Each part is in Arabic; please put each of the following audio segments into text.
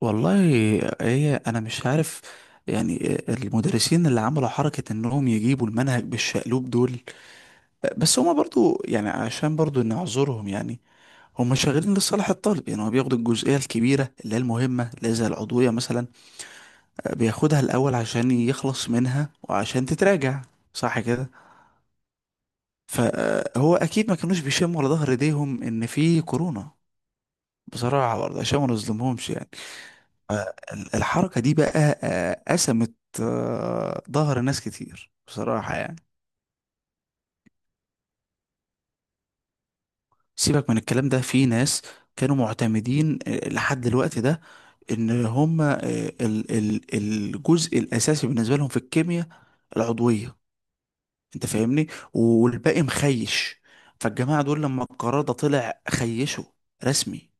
والله، هي انا مش عارف. يعني المدرسين اللي عملوا حركة انهم يجيبوا المنهج بالشقلوب دول، بس هما برضو يعني عشان برضو نعذرهم يعني. هما شغالين لصالح الطالب، يعني هو بياخد الجزئية الكبيرة اللي هي المهمة اللي هي زي العضوية مثلا، بياخدها الأول عشان يخلص منها وعشان تتراجع، صح كده؟ فهو أكيد ما كانوش بيشموا على ظهر ايديهم إن في كورونا، بصراحة برضه عشان ما نظلمهمش يعني. آه، الحركة دي بقى قسمت. ظهر ناس كتير بصراحة يعني. سيبك من الكلام ده، في ناس كانوا معتمدين لحد الوقت ده، ان هم الجزء الاساسي بالنسبة لهم في الكيمياء العضوية، انت فاهمني؟ والباقي مخيش. فالجماعة دول لما القرار ده طلع خيشوا رسمي.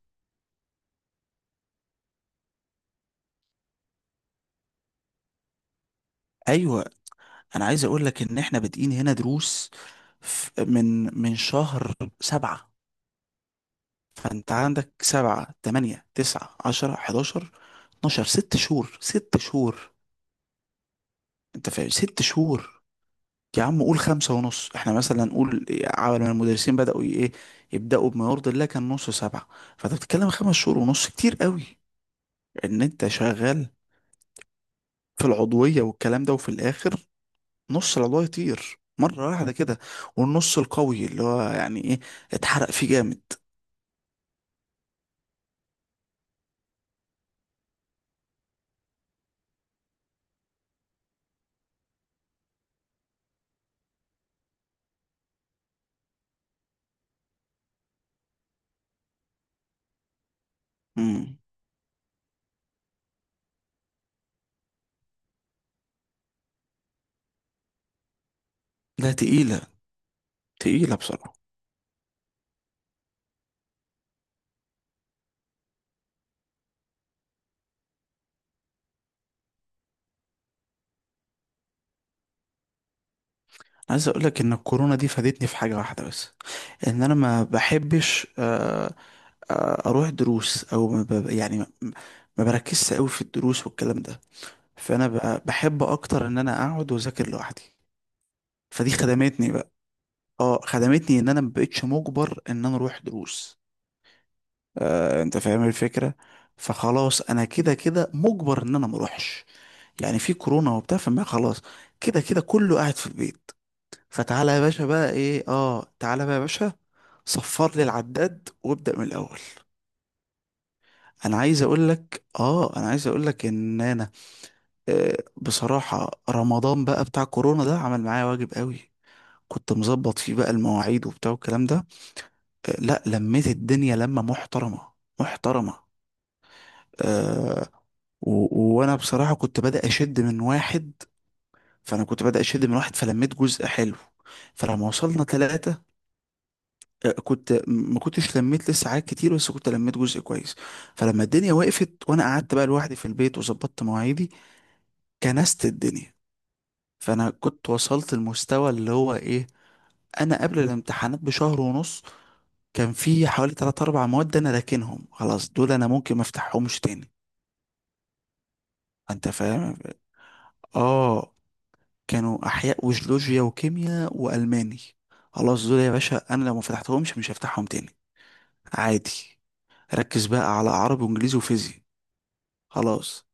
ايوه، انا عايز اقول لك ان احنا بادئين هنا دروس من شهر سبعة. فانت عندك سبعة، تمانية، تسعة، عشرة، حداشر، اتناشر، ست شهور ست شهور. انت فاهم؟ ست شهور. يا عم قول خمسة ونص، احنا مثلا نقول عمل ما المدرسين بدأوا ايه، يبدأوا بما يرضي الله، كان نص سبعة. فانت بتتكلم خمس شهور ونص، كتير قوي. ان انت شغال في العضوية والكلام ده، وفي الاخر نص العضوية يطير مرة واحدة كده، والنص القوي اللي هو يعني ايه، اتحرق فيه جامد. امم لا، تقيلة، تقيلة بصراحة. عايز اقول لك ان الكورونا دي فادتني في حاجه واحده بس. ان انا ما بحبش اروح دروس، او ما ب- يعني ما بركزش قوي في الدروس والكلام ده. فانا بحب اكتر ان انا اقعد واذاكر لوحدي. فدي خدمتني بقى. اه، خدمتني ان انا ما بقتش مجبر ان انا اروح دروس. انت فاهم الفكره؟ فخلاص انا كده كده مجبر ان انا ما اروحش، يعني في كورونا وبتاع، فما خلاص. كده كده كله قاعد في البيت. فتعالى يا باشا بقى ايه، اه تعالى بقى يا باشا صفر لي العداد وابدأ من الاول. انا عايز اقول لك، اه انا عايز اقول لك ان انا بصراحة رمضان بقى بتاع كورونا ده عمل معايا واجب قوي. كنت مظبط فيه بقى المواعيد وبتاع والكلام ده. لا، لميت الدنيا لمة محترمة، محترمة. آه وانا بصراحة كنت بدأ اشد من واحد. فانا كنت بدأ اشد من واحد فلميت جزء حلو. فلما وصلنا ثلاثة كنت ما كنتش لميت لسه حاجات كتير بس كنت لميت جزء كويس. فلما الدنيا وقفت وانا قعدت بقى لوحدي في البيت وظبطت مواعيدي، كنست الدنيا. فانا كنت وصلت المستوى اللي هو ايه، انا قبل الامتحانات بشهر ونص كان في حوالي 3 4 مواد انا راكنهم خلاص، دول انا ممكن ما افتحهمش تاني. انت فاهم؟ اه. كانوا احياء وجيولوجيا وكيمياء والماني، خلاص دول يا باشا انا لو ما فتحتهمش مش هفتحهم تاني، عادي. ركز بقى على عربي وانجليزي وفيزياء، خلاص.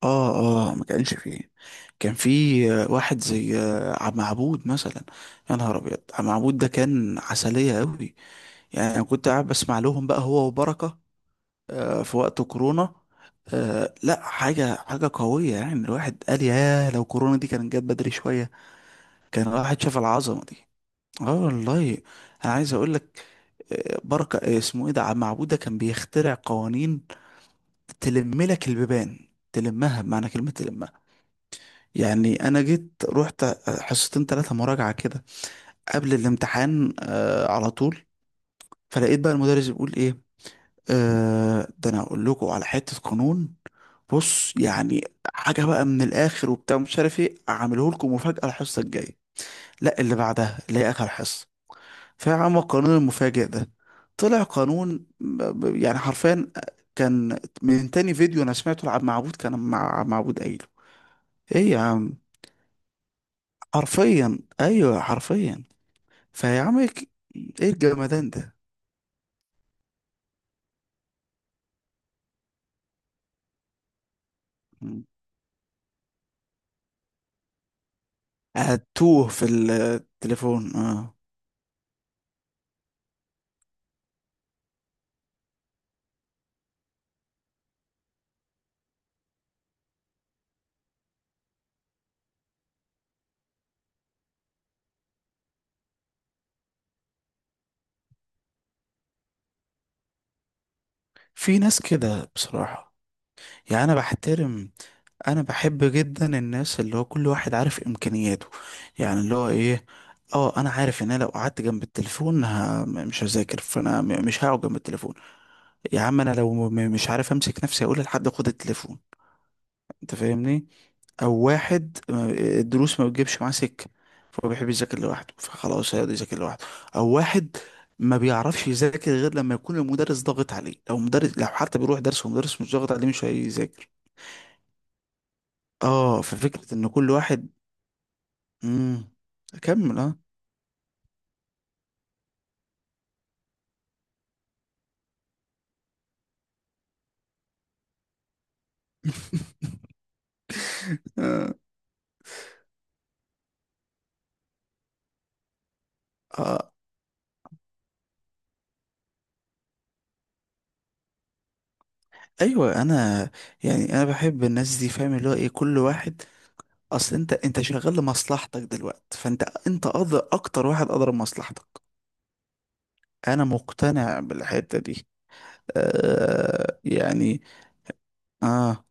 اه اه، ما كانش فيه. كان في واحد زي عم عبود مثلا. يا نهار ابيض، عم عبود ده كان عسلية قوي. يعني انا كنت قاعد بسمع لهم بقى هو وبركة في وقت كورونا. لا، حاجة حاجة قوية يعني، الواحد قال يا لو كورونا دي كانت جت بدري شوية كان الواحد شاف العظمة دي. اه والله. انا عايز اقول لك بركة اسمه ايه ده، عم عبود ده كان بيخترع قوانين تلم لك البيبان، تلمها بمعنى كلمة تلمها. يعني انا جيت رحت حصتين ثلاثه مراجعه كده قبل الامتحان على طول، فلقيت بقى المدرس بيقول ايه. ده انا اقول لكم على حته قانون. بص يعني حاجه بقى من الاخر وبتاع مش عارف ايه اعمله لكم، مفاجاه الحصه الجايه، لا اللي بعدها اللي هي اخر حصه. فيا عم، القانون المفاجئ ده طلع قانون يعني حرفيا، كان من تاني فيديو انا سمعته لعب معبود، كان مع معبود قايله. ايه يا عم، حرفيا، ايوه حرفيا. فيا عم ايه، إيه الجمدان ده؟ مم. هتوه في التليفون اه. في ناس كده بصراحة، يعني انا بحترم. انا بحب جدا الناس اللي هو كل واحد عارف امكانياته، يعني اللي هو ايه، اه انا عارف ان انا لو قعدت جنب التليفون مش هذاكر، فانا مش هقعد جنب التليفون. يا عم انا لو مش عارف امسك نفسي، اقول لحد خد التليفون، انت فاهمني؟ او واحد الدروس ما بتجيبش معاه سكه، فهو بيحب يذاكر لوحده، فخلاص هيقعد يذاكر لوحده. او واحد ما بيعرفش يذاكر غير لما يكون المدرس ضاغط عليه، لو مدرس لو حتى بيروح درس ومدرس مش ضاغط عليه مش هيذاكر. اه، ففكره ان كل واحد. امم اكمل اه. اه آه، ايوه انا. يعني انا بحب الناس دي فاهم اللي هو ايه كل واحد، اصل انت انت شغال لمصلحتك دلوقتي، فانت انت أقدر اكتر واحد قدر مصلحتك. انا مقتنع بالحتة دي. يعني اه،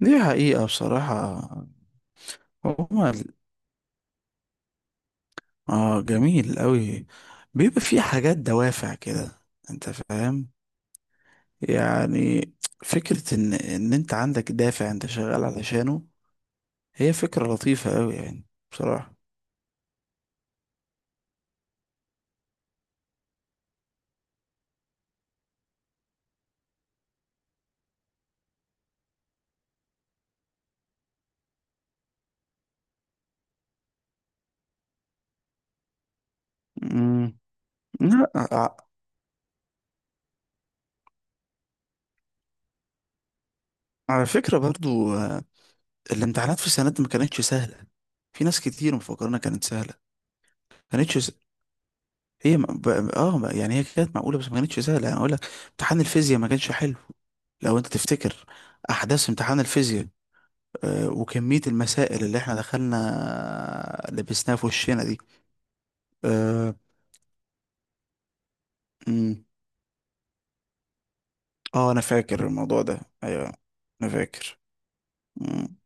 دي حقيقة بصراحة. هما ال- اه جميل قوي. بيبقى في حاجات دوافع كده، انت فاهم؟ يعني فكرة ان انت عندك دافع انت شغال علشانه، هي فكرة لطيفة قوي يعني. بصراحة. امم لا، على فكرة برضو الامتحانات في السنة دي ما كانتش سهلة. في ناس كتير مفكرنا كانت سهلة. ما كانتش. هي ما- ب... اه، يعني هي كانت معقولة بس ما كانتش سهلة يعني اقول لك. امتحان الفيزياء ما كانش حلو، لو انت تفتكر احداث امتحان الفيزياء وكمية المسائل اللي احنا دخلنا لبسناها في وشنا دي. اه. مم. انا فاكر الموضوع ده، ايوه انا فاكر. مم.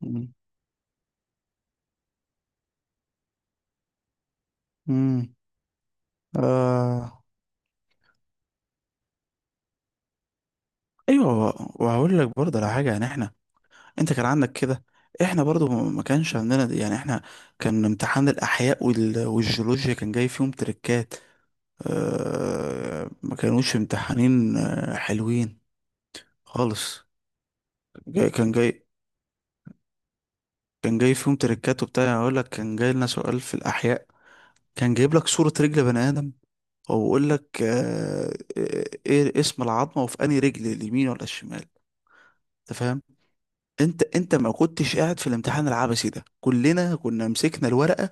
مم. مم. آه. ايوه، وهقول لك برضه على حاجة، يعني احنا انت كان عندك كده، احنا برضه ما كانش عندنا دي. يعني احنا كان امتحان الاحياء والجيولوجيا كان جاي فيهم تريكات، ما كانوش امتحانين حلوين خالص. جاي كان جاي، كان جاي فيهم تريكات وبتاع، يعني اقول لك كان جاي لنا سؤال في الاحياء كان جايب لك صورة رجل بني ادم، وبقول لك ايه اسم العظمة وفي انهي رجل، اليمين ولا الشمال؟ انت فاهم؟ انت انت ما كنتش قاعد في الامتحان العبثي ده، كلنا كنا مسكنا الورقة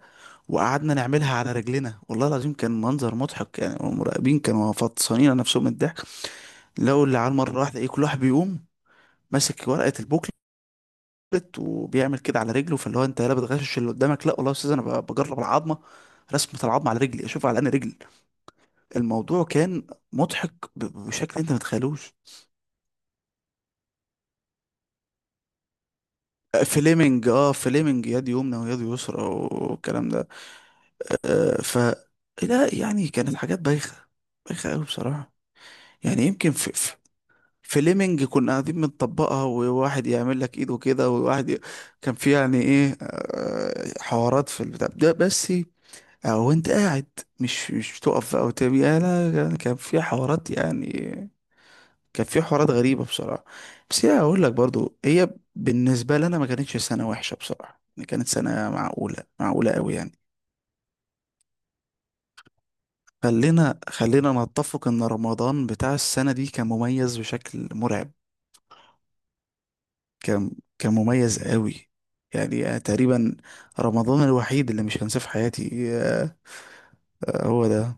وقعدنا نعملها على رجلنا. والله العظيم كان منظر مضحك، يعني المراقبين كانوا فطسانين على نفسهم من الضحك. لو اللي على المرة واحدة ايه، كل واحد بيقوم ماسك ورقة البوكلت وبيعمل كده على رجله، فاللي هو انت لا بتغشش اللي قدامك، لا والله يا استاذ انا بجرب العظمة، رسمة العظمة على رجلي اشوف على انهي رجل. الموضوع كان مضحك بشكل انت ما تتخيلوش. فليمنج، اه، فليمنج، يد يمنى ويد يسرى والكلام ده. آه ف لا يعني كانت حاجات بايخة، بايخة قوي بصراحة. يعني يمكن في فليمنج كنا قاعدين بنطبقها، وواحد يعمل لك ايده كده وواحد كان في يعني ايه حوارات في البتاع ده بس. او انت قاعد مش تقف او تبي لا لا، كان في حوارات يعني. كان في حوارات غريبه بصراحه. بس هي اقول لك برضو، هي بالنسبه لنا ما كانتش سنه وحشه بصراحه يعني، كانت سنه معقوله معقوله قوي يعني. خلينا خلينا نتفق ان رمضان بتاع السنه دي كان مميز بشكل مرعب. كان كان مميز قوي. يعني تقريبا رمضان الوحيد اللي مش هنساه في حياتي هو ده.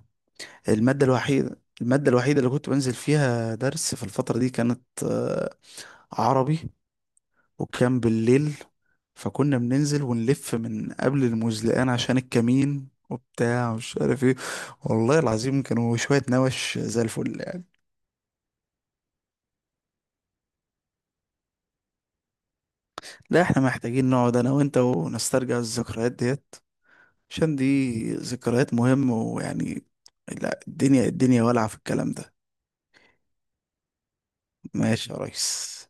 المادة الوحيدة المادة الوحيدة اللي كنت بنزل فيها درس في الفترة دي كانت عربي، وكان بالليل، فكنا بننزل ونلف من قبل المزلقان عشان الكمين وبتاع ومش عارف ايه. والله العظيم كانوا شوية نوش زي الفل يعني. لا احنا محتاجين نقعد انا وانت ونسترجع الذكريات ديت، عشان دي ذكريات مهمة ويعني. لا الدنيا الدنيا ولعة في الكلام ده. ماشي يا ريس.